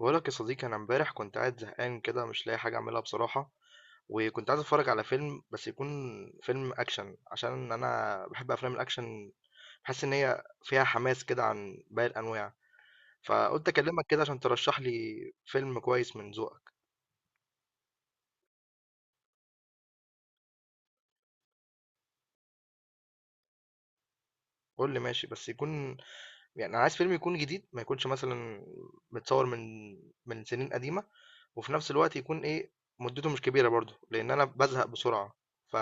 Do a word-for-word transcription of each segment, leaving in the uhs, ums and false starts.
بقولك يا صديقي، انا امبارح كنت قاعد زهقان كده مش لاقي حاجه اعملها بصراحه. وكنت عايز اتفرج على فيلم، بس يكون فيلم اكشن، عشان انا بحب افلام الاكشن. بحس ان هي فيها حماس كده عن باقي الانواع. فقلت اكلمك كده عشان ترشح لي فيلم كويس من ذوقك. قول لي ماشي، بس يكون يعني انا عايز فيلم يكون جديد، ما يكونش مثلا متصور من من سنين قديمه، وفي نفس الوقت يكون ايه، مدته مش كبيره برضه لان انا بزهق بسرعه. ف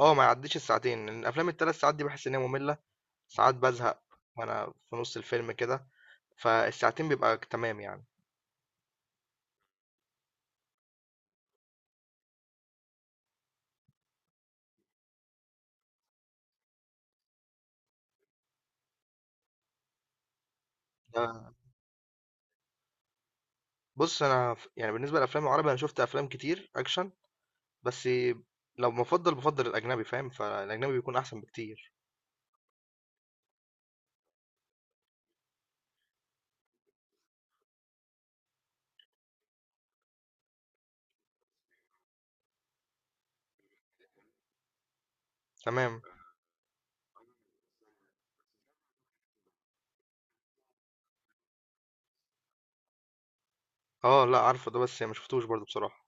آه، ما يعدّيش الساعتين، لإن أفلام التلات ساعات دي باحس إن هي مملة، ساعات بازهق وأنا في نُص الفيلم كده، فالساعتين بيبقى ك تمام يعني. ده بُص، أنا ف يعني بالنسبة للأفلام العربي أنا شُفت أفلام كتير أكشن، بس لو بافضّل بافضّل الأجنبي فاهم، فالأجنبي بيكون أحسن بكتير. تمام. آه، لأ عارفه ده بس ما شُفتوش برضه بصراحة.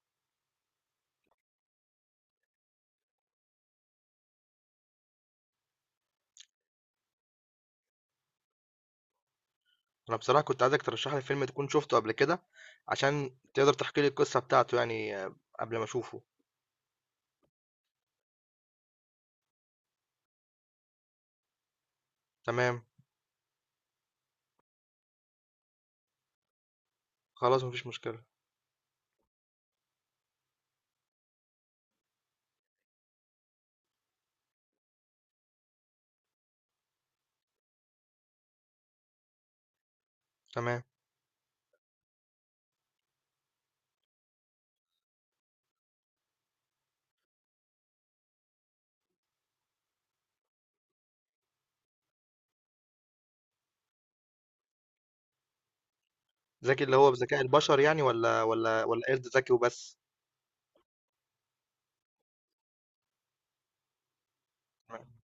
أنا بصراحة كنت عايزك ترشّح لي فيلم تكون شُفته قبل كده، عشان تقدر تحكي لي القصة بتاعته يعني آه، قبل ما أشوفه. تمام، خلاص ما فيش مشكلة. تمام. ذكي اللي هو بذكاء البشر يعني، ولا ولا ولا قرد ذكي وبس؟ تمام.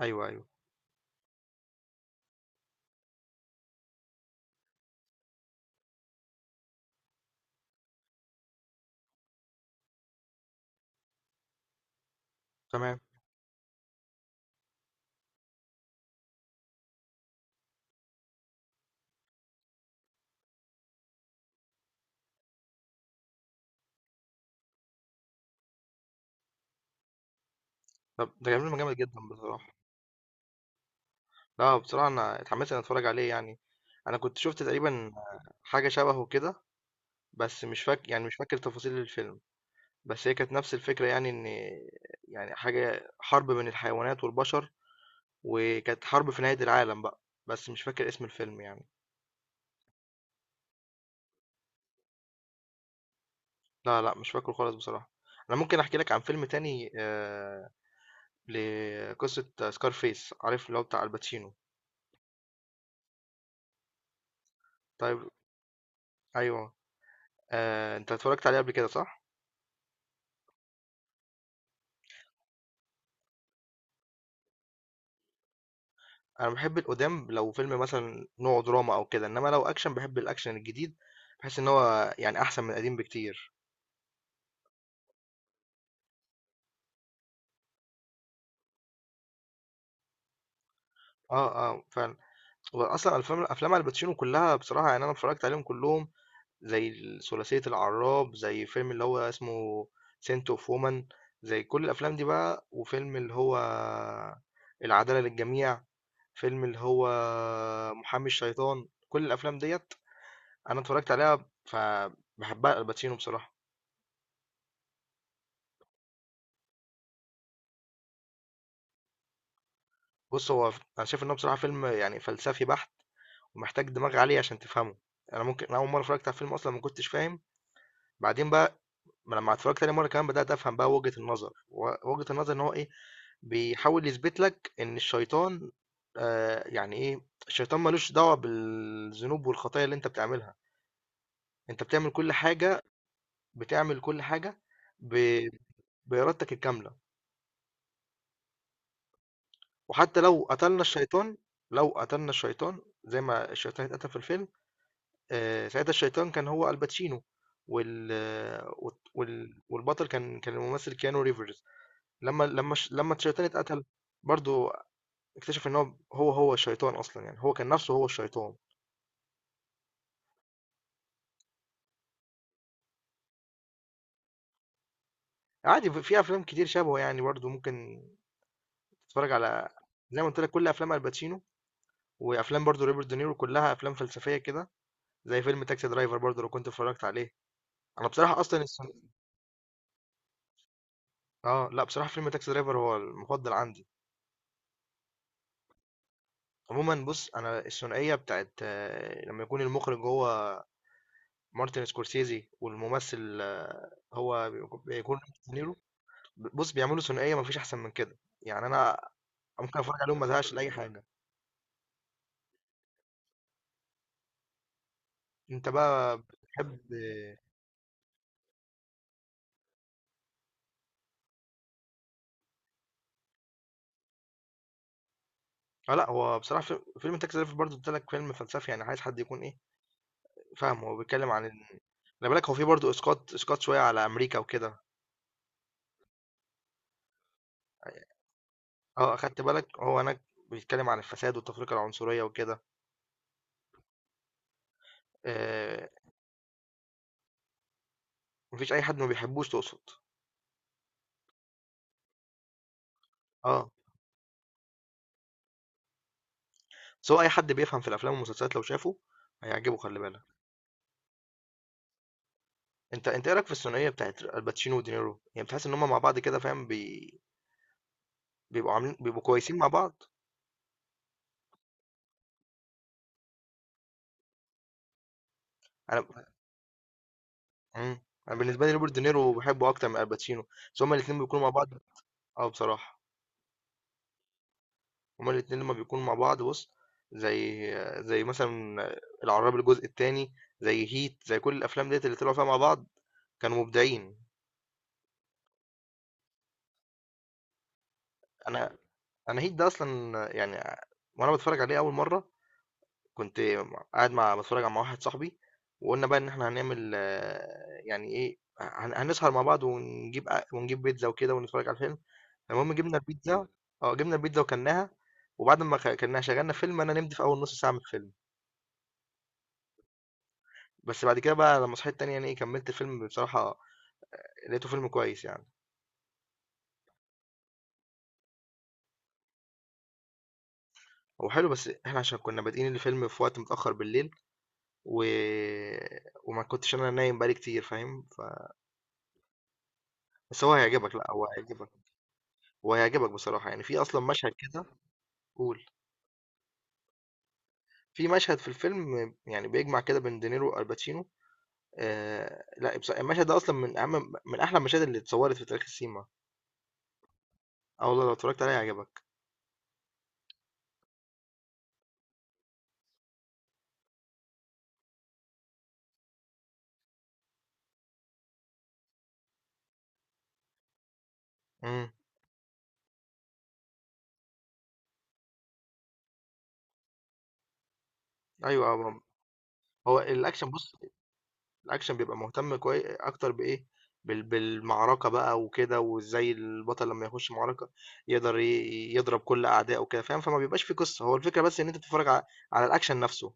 ايوه ايوه. تمام. طب ده فيلم جامد جدا بصراحه. لا بصراحه انا اتحمست ان اتفرج عليه يعني. انا كنت شفت تقريبا حاجه شبهه كده، بس مش فاكر يعني، مش فاكر تفاصيل الفيلم. بس هي كانت نفس الفكره، يعني ان يعني حاجه حرب بين الحيوانات والبشر، وكانت حرب في نهايه العالم بقى، بس مش فاكر اسم الفيلم يعني. لا لا، مش فاكره خالص بصراحه. انا ممكن احكي لك عن فيلم تاني آه، لقصة سكارفيس، عارف اللي هو بتاع الباتشينو. طيب. أيوه. آه، أنت اتفرجت عليه قبل كده صح؟ أنا بحب القدام لو فيلم مثلا نوعه دراما أو كده، إنما لو أكشن بحب الأكشن الجديد. بحس إن هو يعني أحسن من القديم بكتير. أه أه فعلا. وأصلا أفلام أفلام الباتشينو كلها بصراحة، يعني أنا اتفرجت عليهم كلهم، زي ثلاثية العراب، زي فيلم اللي هو اسمه سنت أوف وومن، زي كل الأفلام دي بقى، وفيلم اللي هو العدالة للجميع، فيلم اللي هو محامي الشيطان. كل الافلام ديت انا اتفرجت عليها. فبحبها الباتشينو بصراحه. بص هو ف- انا شايف انه بصراحه فيلم يعني فلسفي بحت، ومحتاج دماغ عالي عشان تفهمه. انا ممكن انا اول مره اتفرجت على الفيلم اصلا ما كنتش فاهم، بعدين بقى لما اتفرجت تاني مره كمان بدات افهم بقى وجهه النظر، و- وجهه النظر ان هو ايه، بيحاول يثبت لك ان الشيطان، آه يعني ايه، الشيطان ملوش دعوه بالذنوب والخطايا اللي انت بتعملها. انت بتعمل كل حاجه، بتعمل كل حاجه ب- بإرادتك الكاملة. وحتى لو قتلنا الشيطان، لو قتلنا الشيطان زي ما الشيطان اتقتل في الفيلم، آه، ساعتها الشيطان كان هو الباتشينو، وال... وال... والبطل كان كان الممثل كيانو ريفرز. لما لما الش- لما الشيطان اتقتل برضو، اكتشف ان هو هو هو الشيطان اصلا، يعني هو كان نفسه هو الشيطان. عادي، في في افلام كتير شبهه يعني، برضو ممكن تتفرج على، زي ما قلت لك، كل افلام الباتشينو. وافلام برضو روبرت دينيرو كلها افلام فلسفيه كده، زي فيلم تاكسي درايفر، برضو لو كنت اتفرجت عليه. انا بصراحه اصلا السن... اه لا بصراحه فيلم تاكسي درايفر هو المفضل عندي. عموما بص، انا الثنائيه بتاعت آه، لما يكون المخرج هو مارتن سكورسيزي والممثل آه، هو بيكون بيكون روبرت دينيرو. بص، بيعملوا ثنائيه مفيش احسن من كده يعني. انا ممكن اتفرج عليهم ما ازهقش لاي حاجه. انت بقى بتحب. اه لا، هو بصراحه في- فيلم تاكسي درايفر برضه قلت لك فيلم فلسفي، يعني عايز حد يكون ايه، فاهم، هو بيتكلم عن ال-، خلي بالك هو فيه برضه اسقاط اسقاط شويه على امريكا وكده. آه، أخدت بالك، هو هناك بيتكلم عن الفساد والتفرقة العنصرية وكده، آه. مفيش أي حد ما بيحبوش تقصد؟ اه، سواء أي حد بيفهم في الأفلام والمسلسلات لو شافه هيعجبه، خلي بالك. أنت أنت إيه رأيك في الثنائية بتاعت الباتشينو ودينيرو؟ يعني بتحس إن هما مع بعض كده، فاهم، بي... بيبقوا عاملين بيبقوا كويسين مع بعض. أنا مم. أنا بالنسبة لي روبرت دينيرو بحبه أكتر من الباتشينو، بس هما الاتنين بيكونوا مع بعض اه بصراحة. هما الاتنين لما بيكونوا مع بعض بُص، زي زي مثلًا العراب الجزء التاني، زي هيت، زي كل الأفلام ديّة اللي طلعوا فيها مع بعض، كانوا مبدعين. أنا أنا هيت ده أصلًا يعني، وأنا باتفرج عليه أول مرّة، كنت م قاعد مع، باتفرج مع واحد صاحبي، وقُلنا بقى إن إحنا هنعمل آه، يعني إيه، هن هنسهر مع بعض ونجيب أ ونجيب بيتزا وكده ونتفرج على الفيلم، المهم جِبنا البيتزا حلو ده. آه، جِبنا البيتزا وكلناها، وبعد ما خ كلناها شغّلنا فيلم، أنا نمت في أول نُص ساعة من الفيلم. بس بعد كده بقى لما صحيت تاني يعني ايه كملت الفيلم بصراحة، لقيته فيلم كويس يعني. هو حلو بس احنا عشان كنا بادئين الفيلم في وقت متأخر بالليل و... وما كنتش انا نايم بقالي كتير، فاهم ف... بس هو هيعجبك. لا هو هيعجبك هو هيعجبك بصراحة، يعني في اصلا مشهد كده. قول. في مشهد في الفيلم يعني بيجمع كده بين دينيرو والباتشينو، آه... لا بصراحة المشهد ده اصلا من اهم، من احلى المشاهد اللي اتصورت في تاريخ السينما. اه والله لو اتفرجت عليها هيعجبك. امم ايوه. هو هو الاكشن بص، الاكشن بيبقى مهتم كويس اكتر بايه، بال- بالمعركه بقى وكده، وازاي البطل لما يخش معركه يقدر ي- يضرب كل اعدائه وكده، فاهم، فما بيبقاش في قصه، هو الفكره بس ان انت تتفرج على، على الاكشن نفسه.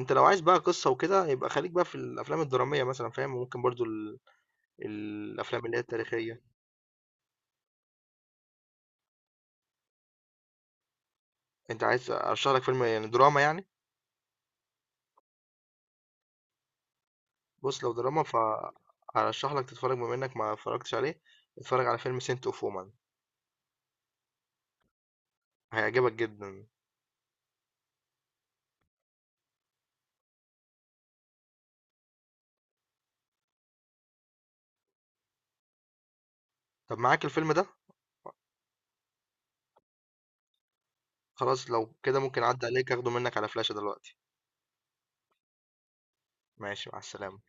انت لو عايز بقى قصه وكده يبقى خليك بقى في الافلام الدراميه مثلا، فاهم، وممكن برضو ال... الافلام اللي هي التاريخيه. انت عايز ارشح لك فيلم يعني دراما يعني. بص لو دراما، فارشح لك تتفرج بما انك ما اتفرجتش عليه، اتفرج على فيلم سنت اوف وومن. هيعجبك جدا. طب معاك الفيلم ده؟ خلاص لو كده ممكن أعدي عليك أخده منك على فلاشة دلوقتي. ماشي، مع السلامة.